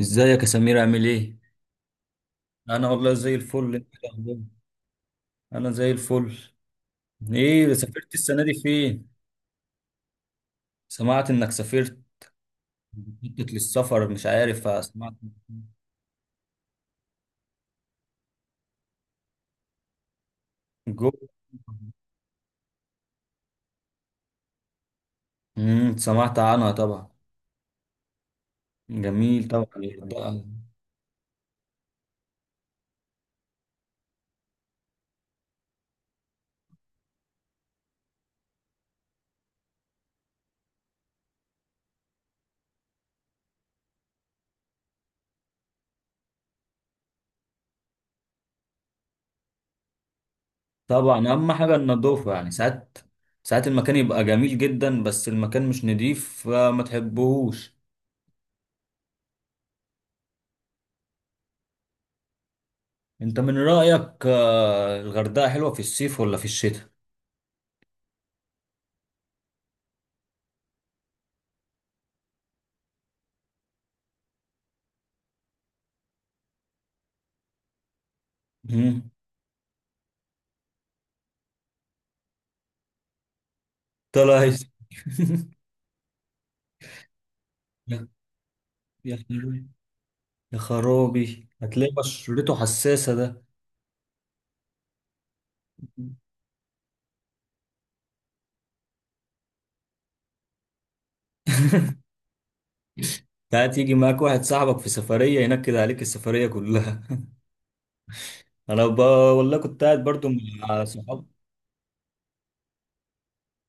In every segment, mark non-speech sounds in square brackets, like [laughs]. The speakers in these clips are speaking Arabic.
ازيك يا سمير، عامل ايه؟ انا والله زي الفل. انت إيه الاخبار؟ انا زي الفل. ايه، سافرت السنه دي فين؟ سمعت انك سافرت. بتخطط للسفر، مش عارف، سمعت. جو سمعت عنها طبعا. جميل طبعا الغردقة. طبعا اهم حاجه النظافه، يعني ساعات، ساعات المكان يبقى جميل جدا بس المكان مش نضيف فما تحبهوش. انت من رايك، الغردقه حلوه في الصيف ولا في الشتاء؟ امم. طلع [laughs] يا حلو. يا خرابي، هتلاقي بشرته حساسة ده. [laughs] ساعات يجي معاك واحد صاحبك في سفرية ينكد عليك السفرية كلها. أنا ب... والله كنت قاعد برضو مع صحابي.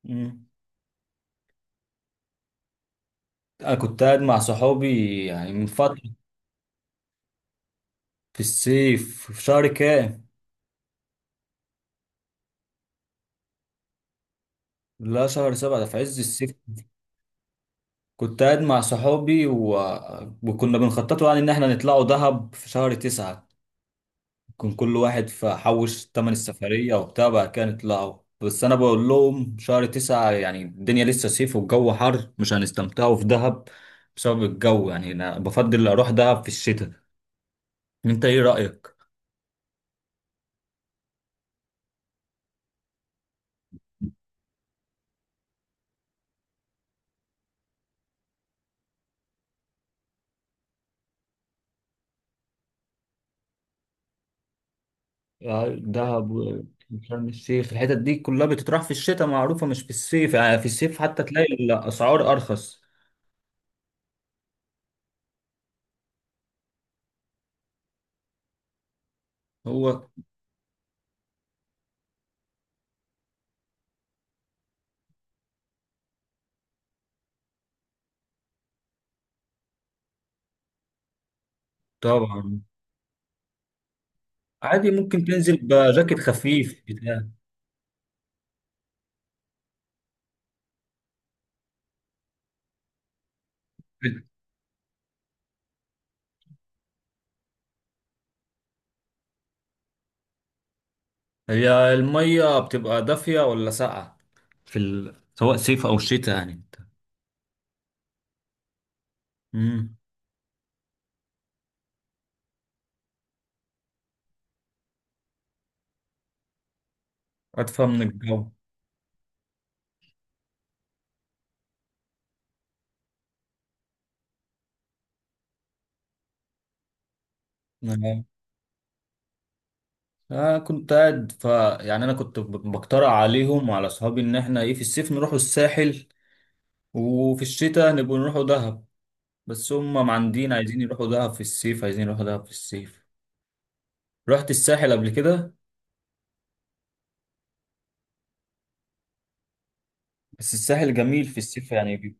مم. أنا كنت قاعد مع صحابي يعني من فترة. في الصيف، في شهر كام؟ لا، شهر 7 ده في عز الصيف. كنت قاعد مع صحابي وكنا بنخططوا يعني إن إحنا نطلعوا دهب في شهر 9. كان كل واحد فحوش تمن السفرية وبتاع بقى كان يطلعوا، بس أنا بقول لهم شهر 9 يعني الدنيا لسه صيف والجو حر، مش هنستمتعوا في دهب بسبب الجو. يعني أنا بفضل أروح دهب في الشتاء. أنت إيه رأيك؟ آه، دهب و- وشرم الشيخ الحتت دي كلها بتتراح في الشتاء معروفة، مش في الصيف. يعني في الصيف حتى تلاقي الأسعار أرخص. هو طبعا عادي ممكن تنزل بجاكيت خفيف بتاع. هي المية بتبقى دافية ولا ساقعة سواء صيف أو شتاء، يعني انت. امم. أدفى من الجو. نعم. أنا كنت قاعد ف يعني أنا كنت بقترح عليهم وعلى أصحابي إن إحنا إيه في الصيف نروحوا الساحل، وفي الشتاء نبقوا نروحوا دهب. بس هم معندين، عايزين يروحوا دهب في الصيف، عايزين يروحوا دهب في الصيف. رحت الساحل قبل كده؟ بس الساحل جميل في الصيف يعني.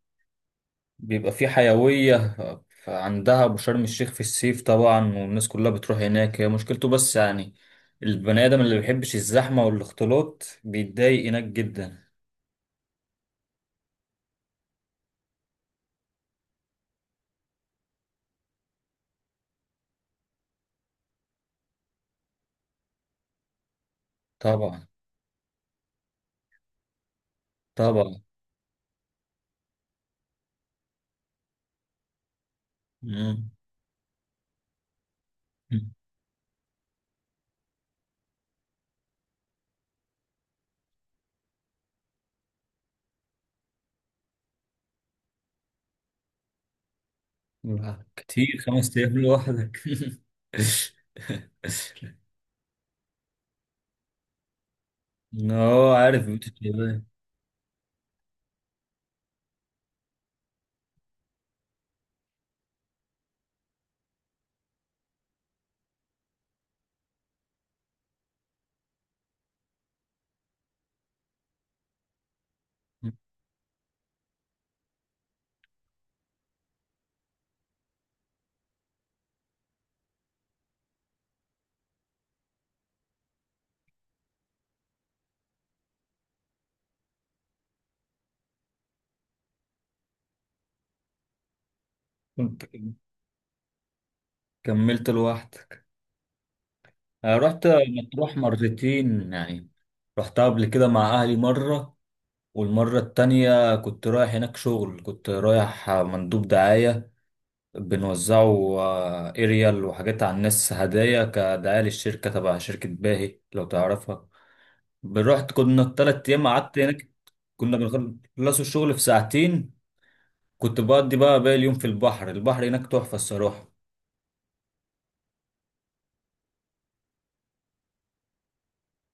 بيبقى في حيوية، عندها أبو شرم الشيخ في الصيف طبعا، والناس كلها بتروح هناك. هي مشكلته، بس يعني البني آدم اللي بيحبش الزحمة والاختلاط بيتضايق هناك جدا. طبعا. طبعا. مم. لا، كتير 5 أيام لوحدك. [laughs] اه، عارف بيوت الشباب. كنت كملت لوحدك؟ أنا رحت مطروح مرتين يعني. رحتها قبل كده مع أهلي مرة، والمرة التانية كنت رايح هناك شغل، كنت رايح مندوب دعاية. بنوزعه اريال وحاجات على الناس، هدايا كدعاية للشركة، تبع شركة باهي لو تعرفها. رحت، كنا التلات أيام قعدت هناك. كنا بنخلصوا الشغل في ساعتين. كنت بقضي بقى باقي اليوم في البحر. البحر هناك تحفة الصراحة.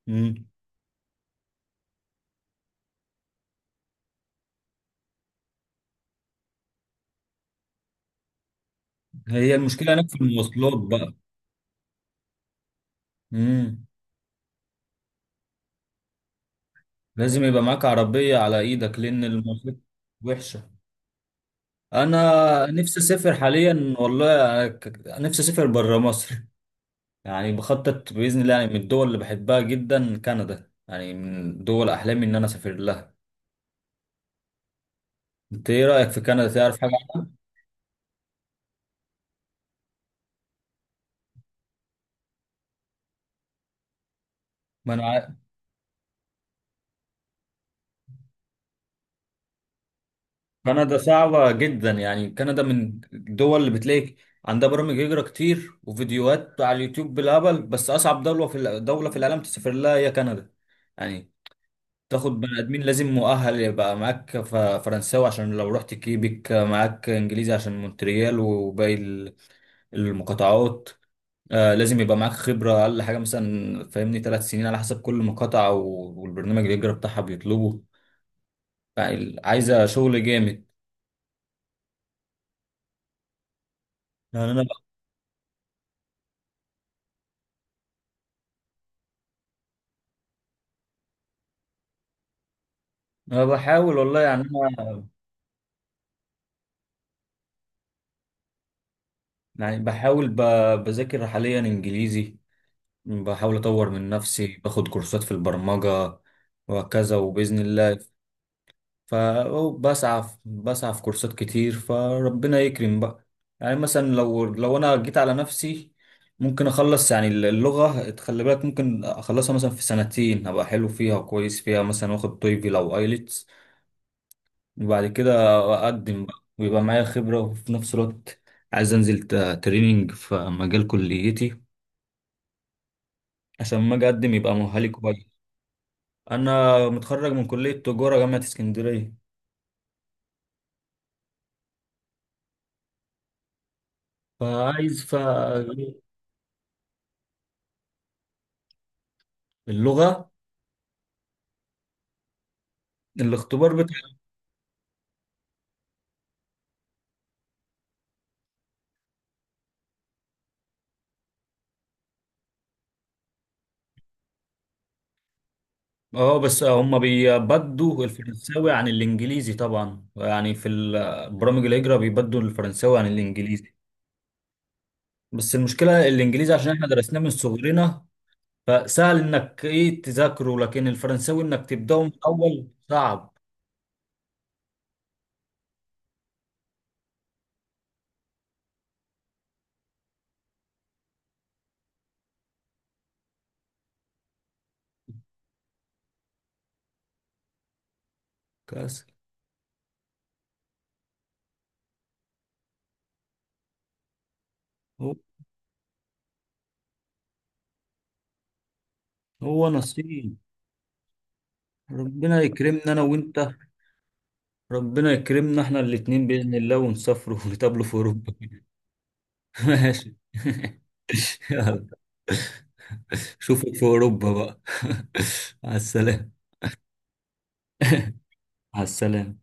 مم. هي المشكلة هناك في المواصلات بقى. مم. لازم يبقى معاك عربية على إيدك، لأن المواصلات وحشة. انا نفسي اسافر حاليا والله، نفسي اسافر بره مصر. يعني بخطط باذن الله. يعني من الدول اللي بحبها جدا كندا، يعني من دول احلامي ان انا اسافر لها. انت ايه رايك في كندا، تعرف حاجه عنها؟ ما انا عا- كندا صعبه جدا. يعني كندا من الدول اللي بتلاقي عندها برامج هجره كتير وفيديوهات على اليوتيوب بالهبل، بس اصعب دوله دوله في العالم تسافر لها هي كندا. يعني تاخد بني ادمين، لازم مؤهل يبقى معاك فرنساوي، عشان لو رحت كيبك معاك انجليزي، عشان مونتريال وباقي المقاطعات. آه، لازم يبقى معاك خبرة اقل حاجة مثلا، فاهمني 3 سنين على حسب كل مقاطعة والبرنامج الهجرة بتاعها بيطلبه. يعني عايزة شغل جامد. يعني انا انا بحاول والله. يعني انا يعني بحاول بذاكر حاليا انجليزي. بحاول اطور من نفسي، باخد كورسات في البرمجة وهكذا، وبإذن الله. فبسعى بسعى في كورسات كتير، فربنا يكرم بقى. يعني مثلا لو انا جيت على نفسي ممكن اخلص. يعني اللغة، تخلي بالك ممكن اخلصها مثلا في سنتين، ابقى حلو فيها وكويس فيها، مثلا واخد تويفل او ايلتس. وبعد كده اقدم بقى ويبقى معايا خبرة، وفي نفس الوقت عايز انزل تريننج في مجال كليتي عشان ما اجي اقدم يبقى مؤهلي كويس. انا متخرج من كلية تجارة جامعة اسكندرية. فعايز ف اللغة الاختبار بتاع. اه، بس هم بيبدوا الفرنساوي عن الانجليزي طبعا. يعني برامج الهجرة بيبدوا الفرنساوي عن الانجليزي. بس المشكلة الانجليزي عشان احنا درسناه من صغرنا، فسهل انك ايه تذاكره. لكن الفرنساوي انك تبدأه من الاول صعب. كاس هو هو نصيب. ربنا يكرمنا انا وانت. ربنا يكرمنا احنا الاتنين بإذن الله، ونسافروا [laughs] ونتقابلوا في اوروبا. [laughs] ماشي. [laughs] يلا، شوفك في اوروبا بقى. [laughs] على السلامه. على السلامه.